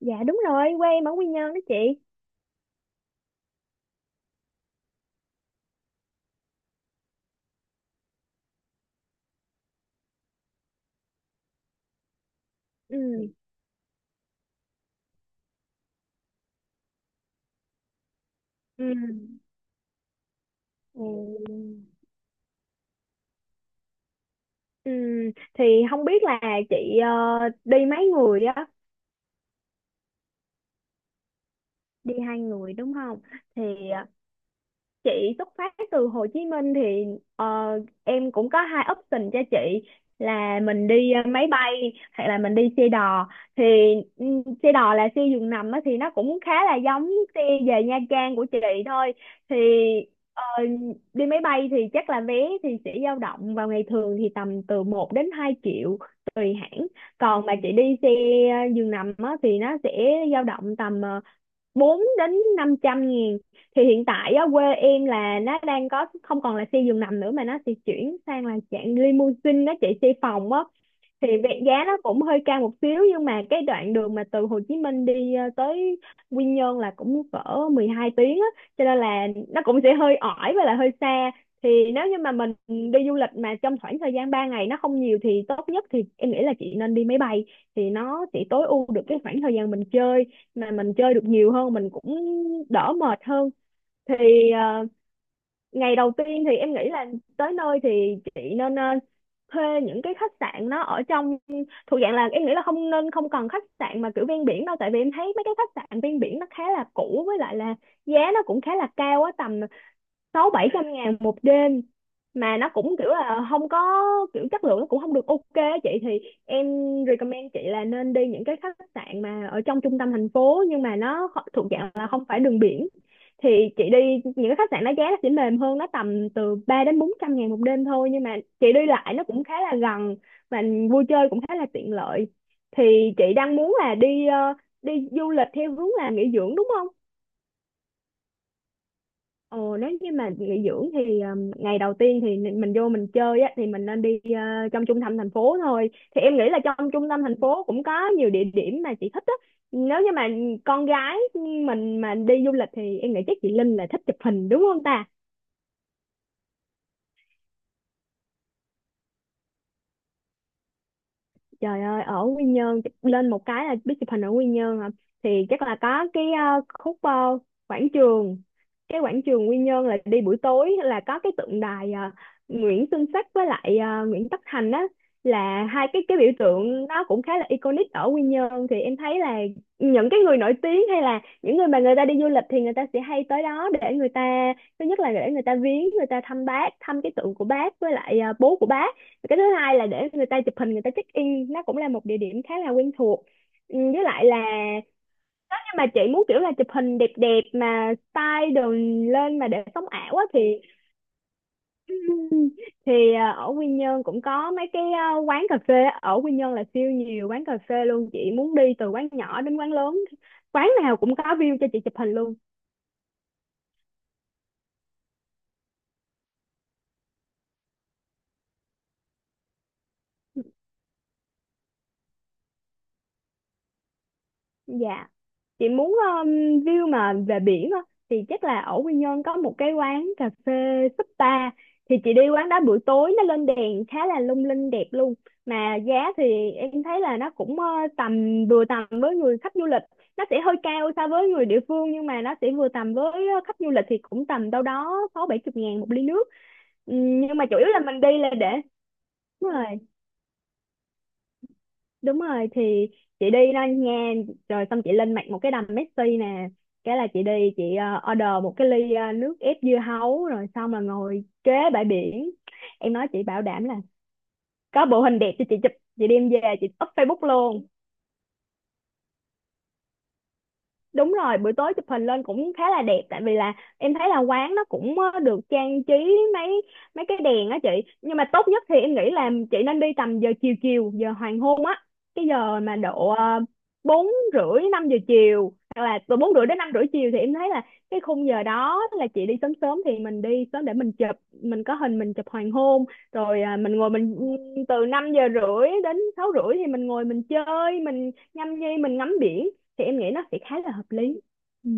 Dạ, đúng rồi, quê em ở Quy Nhơn đó chị. Ừ. Ừ. Ừ. Ừ. Thì không biết là chị ờ, đi mấy người á, đi hai người đúng không? Thì ờ, chị xuất phát từ Hồ Chí Minh thì ờ, em cũng có hai option cho chị, là mình đi máy bay hoặc là mình đi xe đò. Thì ừ, xe đò là xe giường nằm á, thì nó cũng khá là giống xe về Nha Trang của chị thôi. Thì ờ, đi máy bay thì chắc là vé thì sẽ dao động vào ngày thường thì tầm từ một đến 2 triệu tùy hãng. Còn mà chị đi xe giường nằm á, thì nó sẽ dao động tầm 4 đến 500 nghìn. Thì hiện tại á, quê em là nó đang có không còn là xe giường nằm nữa, mà nó sẽ chuyển sang là dạng limousine đó chị, xe phòng á. Thì giá nó cũng hơi cao một xíu, nhưng mà cái đoạn đường mà từ Hồ Chí Minh đi tới Quy Nhơn là cũng cỡ 12 tiếng á, cho nên là nó cũng sẽ hơi ỏi và là hơi xa. Thì nếu như mà mình đi du lịch mà trong khoảng thời gian 3 ngày nó không nhiều, thì tốt nhất thì em nghĩ là chị nên đi máy bay, thì nó sẽ tối ưu được cái khoảng thời gian mình chơi, mà mình chơi được nhiều hơn, mình cũng đỡ mệt hơn. Thì ờ, ngày đầu tiên thì em nghĩ là tới nơi thì chị nên thuê những cái khách sạn nó ở trong, thuộc dạng là em nghĩ là không nên, không cần khách sạn mà kiểu ven biển đâu, tại vì em thấy mấy cái khách sạn ven biển nó khá là cũ, với lại là giá nó cũng khá là cao á, tầm sáu bảy trăm ngàn một đêm, mà nó cũng kiểu là không có, kiểu chất lượng nó cũng không được ok á chị. Thì em recommend chị là nên đi những cái khách sạn mà ở trong trung tâm thành phố, nhưng mà nó thuộc dạng là không phải đường biển. Thì chị đi những cái khách sạn nó giá nó sẽ mềm hơn, nó tầm từ 3 đến 400 ngàn một đêm thôi, nhưng mà chị đi lại nó cũng khá là gần, và vui chơi cũng khá là tiện lợi. Thì chị đang muốn là đi du lịch theo hướng là nghỉ dưỡng đúng không? Ồ, nếu như mà nghỉ dưỡng thì ngày đầu tiên thì mình vô mình chơi á, thì mình nên đi trong trung tâm thành phố thôi. Thì em nghĩ là trong trung tâm thành phố cũng có nhiều địa điểm mà chị thích á. Nếu như mà con gái mình mà đi du lịch thì em nghĩ chắc chị Linh là thích chụp hình đúng không ta? Trời ơi, ở Quy Nhơn lên một cái là biết chụp hình ở Quy Nhơn à. Thì chắc là có cái khúc quảng trường. Cái quảng trường Quy Nhơn là đi buổi tối là có cái tượng đài Nguyễn Xuân Sắc với lại Nguyễn Tất Thành á, là hai cái biểu tượng nó cũng khá là iconic ở Quy Nhơn. Thì em thấy là những cái người nổi tiếng hay là những người mà người ta đi du lịch thì người ta sẽ hay tới đó để người ta, thứ nhất là để người ta viếng, người ta thăm bác, thăm cái tượng của bác với lại bố của bác. Cái thứ hai là để người ta chụp hình, người ta check in, nó cũng là một địa điểm khá là quen thuộc. Ừ, với lại là nếu như mà chị muốn kiểu là chụp hình đẹp đẹp mà style đồ lên mà để sống ảo á thì, ở Quy Nhơn cũng có mấy cái à, quán cà phê á. Ở Quy Nhơn là siêu nhiều quán cà phê luôn, chị muốn đi từ quán nhỏ đến quán lớn, quán nào cũng có view cho chị chụp hình luôn. Dạ. Chị muốn view mà về biển á thì chắc là ở Quy Nhơn có một cái quán cà phê Súp Ta, thì chị đi quán đó buổi tối nó lên đèn khá là lung linh đẹp luôn. Mà giá thì em thấy là nó cũng tầm, vừa tầm với người khách du lịch, nó sẽ hơi cao so với người địa phương, nhưng mà nó sẽ vừa tầm với khách du lịch, thì cũng tầm đâu đó sáu bảy chục ngàn một ly nước. Nhưng mà chủ yếu là mình đi là để. Đúng rồi, đúng rồi. Thì chị đi đó nha, rồi xong chị lên mạng một cái đầm Messi nè, cái là chị đi chị order một cái ly nước ép dưa hấu, rồi xong là ngồi kế bãi biển, em nói chị bảo đảm là có bộ hình đẹp cho chị chụp, chị đem về chị up Facebook luôn. Đúng rồi, buổi tối chụp hình lên cũng khá là đẹp, tại vì là em thấy là quán nó cũng được trang trí mấy mấy cái đèn á chị. Nhưng mà tốt nhất thì em nghĩ là chị nên đi tầm giờ chiều chiều, giờ hoàng hôn á, cái giờ mà độ bốn rưỡi năm giờ chiều, hoặc là từ bốn rưỡi đến năm rưỡi chiều, thì em thấy là cái khung giờ đó là chị đi sớm sớm, thì mình đi sớm để mình chụp, mình có hình mình chụp hoàng hôn, rồi à, mình ngồi mình từ 5 giờ rưỡi đến 6 rưỡi thì mình ngồi mình chơi, mình nhâm nhi, mình ngắm biển, thì em nghĩ nó sẽ khá là hợp lý. Ừ.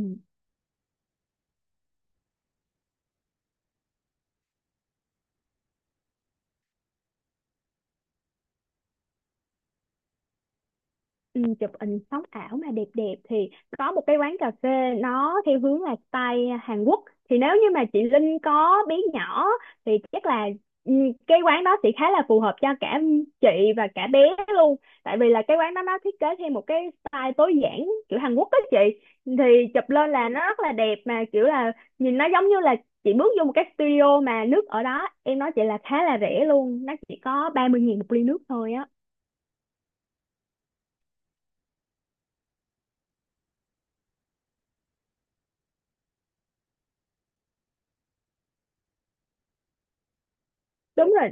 Ừ, chụp hình sống ảo mà đẹp đẹp thì có một cái quán cà phê, nó theo hướng là style Hàn Quốc. Thì nếu như mà chị Linh có bé nhỏ thì chắc là ừ, cái quán đó sẽ khá là phù hợp cho cả chị và cả bé luôn, tại vì là cái quán đó nó thiết kế theo một cái style tối giản kiểu Hàn Quốc á chị. Thì chụp lên là nó rất là đẹp, mà kiểu là nhìn nó giống như là chị bước vô một cái studio, mà nước ở đó em nói chị là khá là rẻ luôn, nó chỉ có 30 nghìn một ly nước thôi á. Đúng rồi,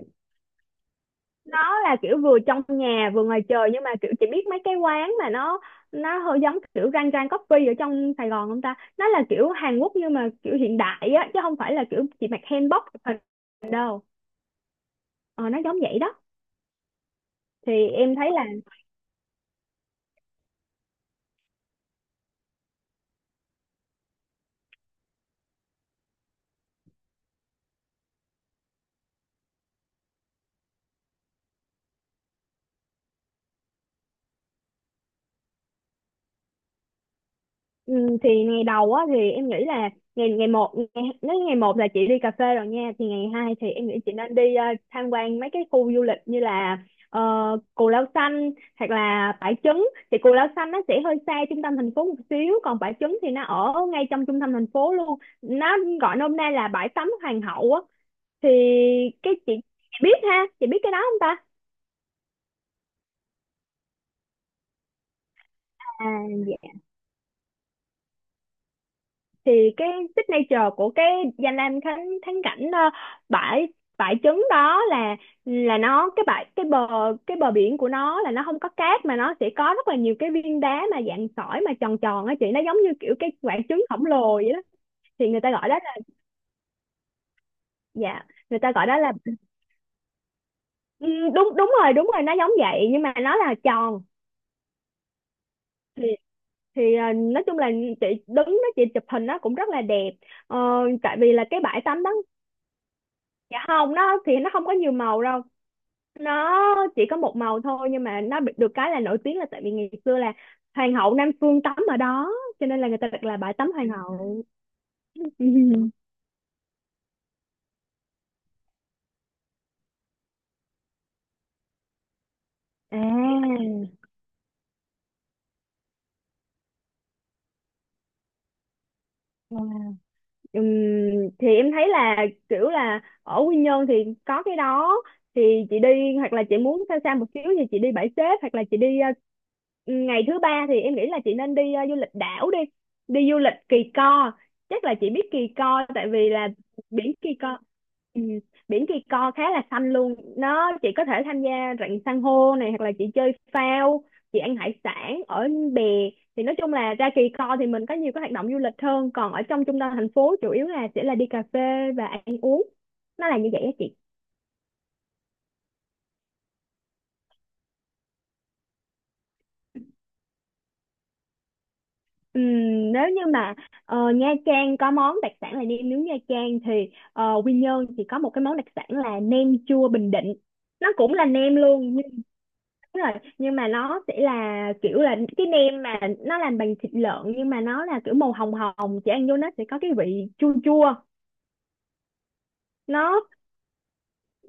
nó là kiểu vừa trong nhà vừa ngoài trời, nhưng mà kiểu chị biết mấy cái quán mà nó hơi giống kiểu rang rang coffee ở trong Sài Gòn không ta? Nó là kiểu Hàn Quốc nhưng mà kiểu hiện đại á, chứ không phải là kiểu chị mặc hanbok chụp hình đâu. Ờ, nó giống vậy đó. Thì em thấy là. Ừ, thì ngày đầu á thì em nghĩ là ngày, ngày một ngày, nếu ngày một là chị đi cà phê rồi nha, thì ngày hai thì em nghĩ chị nên đi tham quan mấy cái khu du lịch như là ờ, Cù Lao Xanh hoặc là Bãi Trứng. Thì Cù Lao Xanh nó sẽ hơi xa trung tâm thành phố một xíu, còn Bãi Trứng thì nó ở ngay trong trung tâm thành phố luôn, nó gọi nôm na là bãi tắm hoàng hậu á. Thì cái chị biết ha, chị biết cái đó không ta? À, dạ. Thì cái signature của cái danh lam thắng thắng cảnh bãi bãi trứng đó là nó cái bãi, cái bờ, cái bờ biển của nó là nó không có cát, mà nó sẽ có rất là nhiều cái viên đá mà dạng sỏi mà tròn tròn á chị, nó giống như kiểu cái quả trứng khổng lồ vậy đó. Thì người ta gọi đó là. Dạ. Người ta gọi đó là. Ừ, đúng đúng rồi, đúng rồi, nó giống vậy nhưng mà nó là tròn. Thì thì nói chung là chị đứng đó chị chụp hình nó cũng rất là đẹp. Ờ, tại vì là cái bãi tắm đó. Dạ không, nó thì nó không có nhiều màu đâu, nó chỉ có một màu thôi, nhưng mà nó được cái là nổi tiếng là tại vì ngày xưa là hoàng hậu Nam Phương tắm ở đó, cho nên là người ta đặt là bãi tắm hoàng hậu. À. Ừm, thì em thấy là kiểu là ở Quy Nhơn thì có cái đó, thì chị đi, hoặc là chị muốn xa xa một xíu thì chị đi Bãi Xếp, hoặc là chị đi ngày thứ ba thì em nghĩ là chị nên đi du lịch đảo đi, đi du lịch Kỳ Co, chắc là chị biết Kỳ Co tại vì là biển Kỳ Co. Ừ, Biển Kỳ Co khá là xanh luôn, nó chị có thể tham gia rặng san hô này hoặc là chị chơi phao, chị ăn hải sản ở bè. Thì nói chung là ra Kỳ Co thì mình có nhiều cái hoạt động du lịch hơn, còn ở trong trung tâm thành phố chủ yếu là sẽ là đi cà phê và ăn uống, nó là như vậy á chị. Nếu như mà Nha Trang có món đặc sản là nem nướng Nha Trang thì Quy Nhơn thì có một cái món đặc sản là nem chua Bình Định, nó cũng là nem luôn, nhưng đúng rồi, nhưng mà nó sẽ là kiểu là cái nem mà nó làm bằng thịt lợn, nhưng mà nó là kiểu màu hồng hồng, chị ăn vô nó sẽ có cái vị chua chua, nó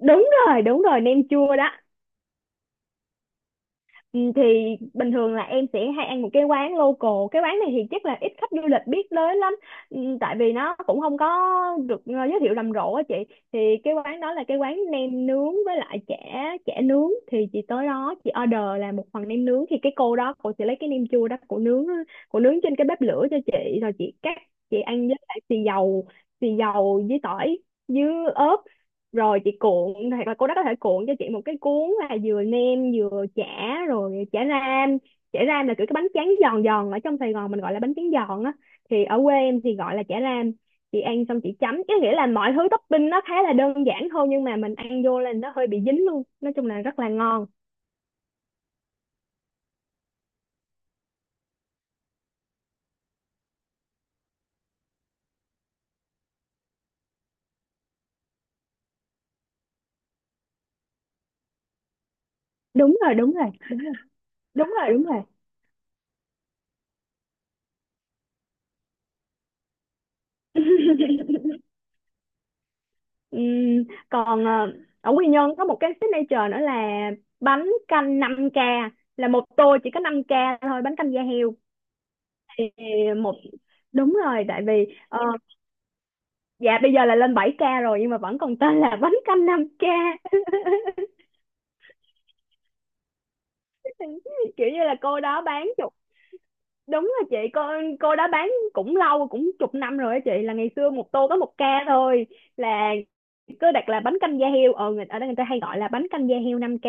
đúng rồi, đúng rồi, nem chua đó. Ừ, thì bình thường là em sẽ hay ăn một cái quán local, cái quán này thì chắc là ít khách du lịch biết tới lắm. Ừ, tại vì nó cũng không có được giới thiệu rầm rộ á chị. Thì cái quán đó là cái quán nem nướng với lại chả chả nướng thì chị tới đó chị order là một phần nem nướng, thì cái cô đó cô sẽ lấy cái nem chua đó cô nướng trên cái bếp lửa cho chị rồi chị cắt, chị ăn với lại xì dầu, xì dầu với tỏi với ớt, rồi chị cuộn. Thì cô đó có thể cuộn cho chị một cái cuốn là vừa nem vừa chả, rồi chả ram. Chả ram là kiểu cái bánh tráng giòn giòn, ở trong Sài Gòn mình gọi là bánh tráng giòn á, thì ở quê em thì gọi là chả ram. Chị ăn xong chị chấm cái, nghĩa là mọi thứ topping nó khá là đơn giản thôi, nhưng mà mình ăn vô là nó hơi bị dính luôn, nói chung là rất là ngon. Đúng rồi, đúng rồi, đúng rồi, đúng rồi. Ừm, Còn ở Quy Nhơn có một cái signature nữa là bánh canh 5k, là một tô chỉ có 5k thôi, bánh canh da heo. Thì một Đúng rồi, tại vì dạ bây giờ là lên 7k rồi, nhưng mà vẫn còn tên là bánh canh 5k. Kiểu như là cô đó bán chục. Đúng rồi chị, cô đó bán cũng lâu, cũng chục năm rồi á chị, là ngày xưa một tô có 1k thôi, là cứ đặt là bánh canh da heo. Ờ người ở đây người ta hay gọi là bánh canh da heo 5k.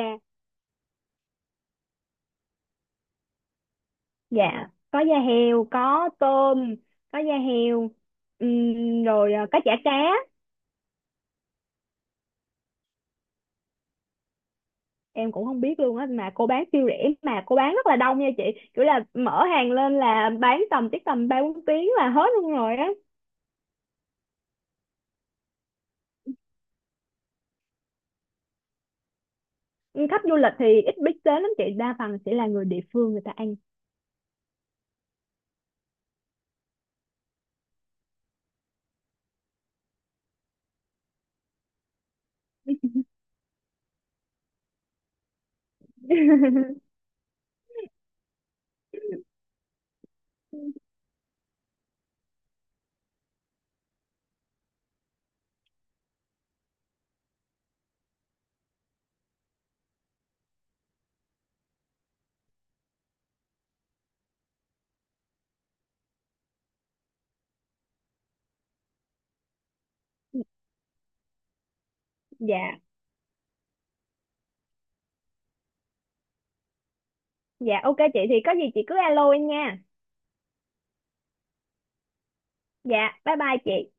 Dạ có da heo, có tôm, có da heo rồi có chả cá. Em cũng không biết luôn á, mà cô bán siêu rẻ mà cô bán rất là đông nha chị, kiểu là mở hàng lên là bán tầm chắc tầm ba bốn tiếng là hết luôn rồi á. Khách du lịch thì ít biết đến lắm chị, đa phần sẽ là người địa phương người ta ăn. Dạ, dạ ok chị, thì có gì chị cứ alo em nha. Dạ bye bye chị.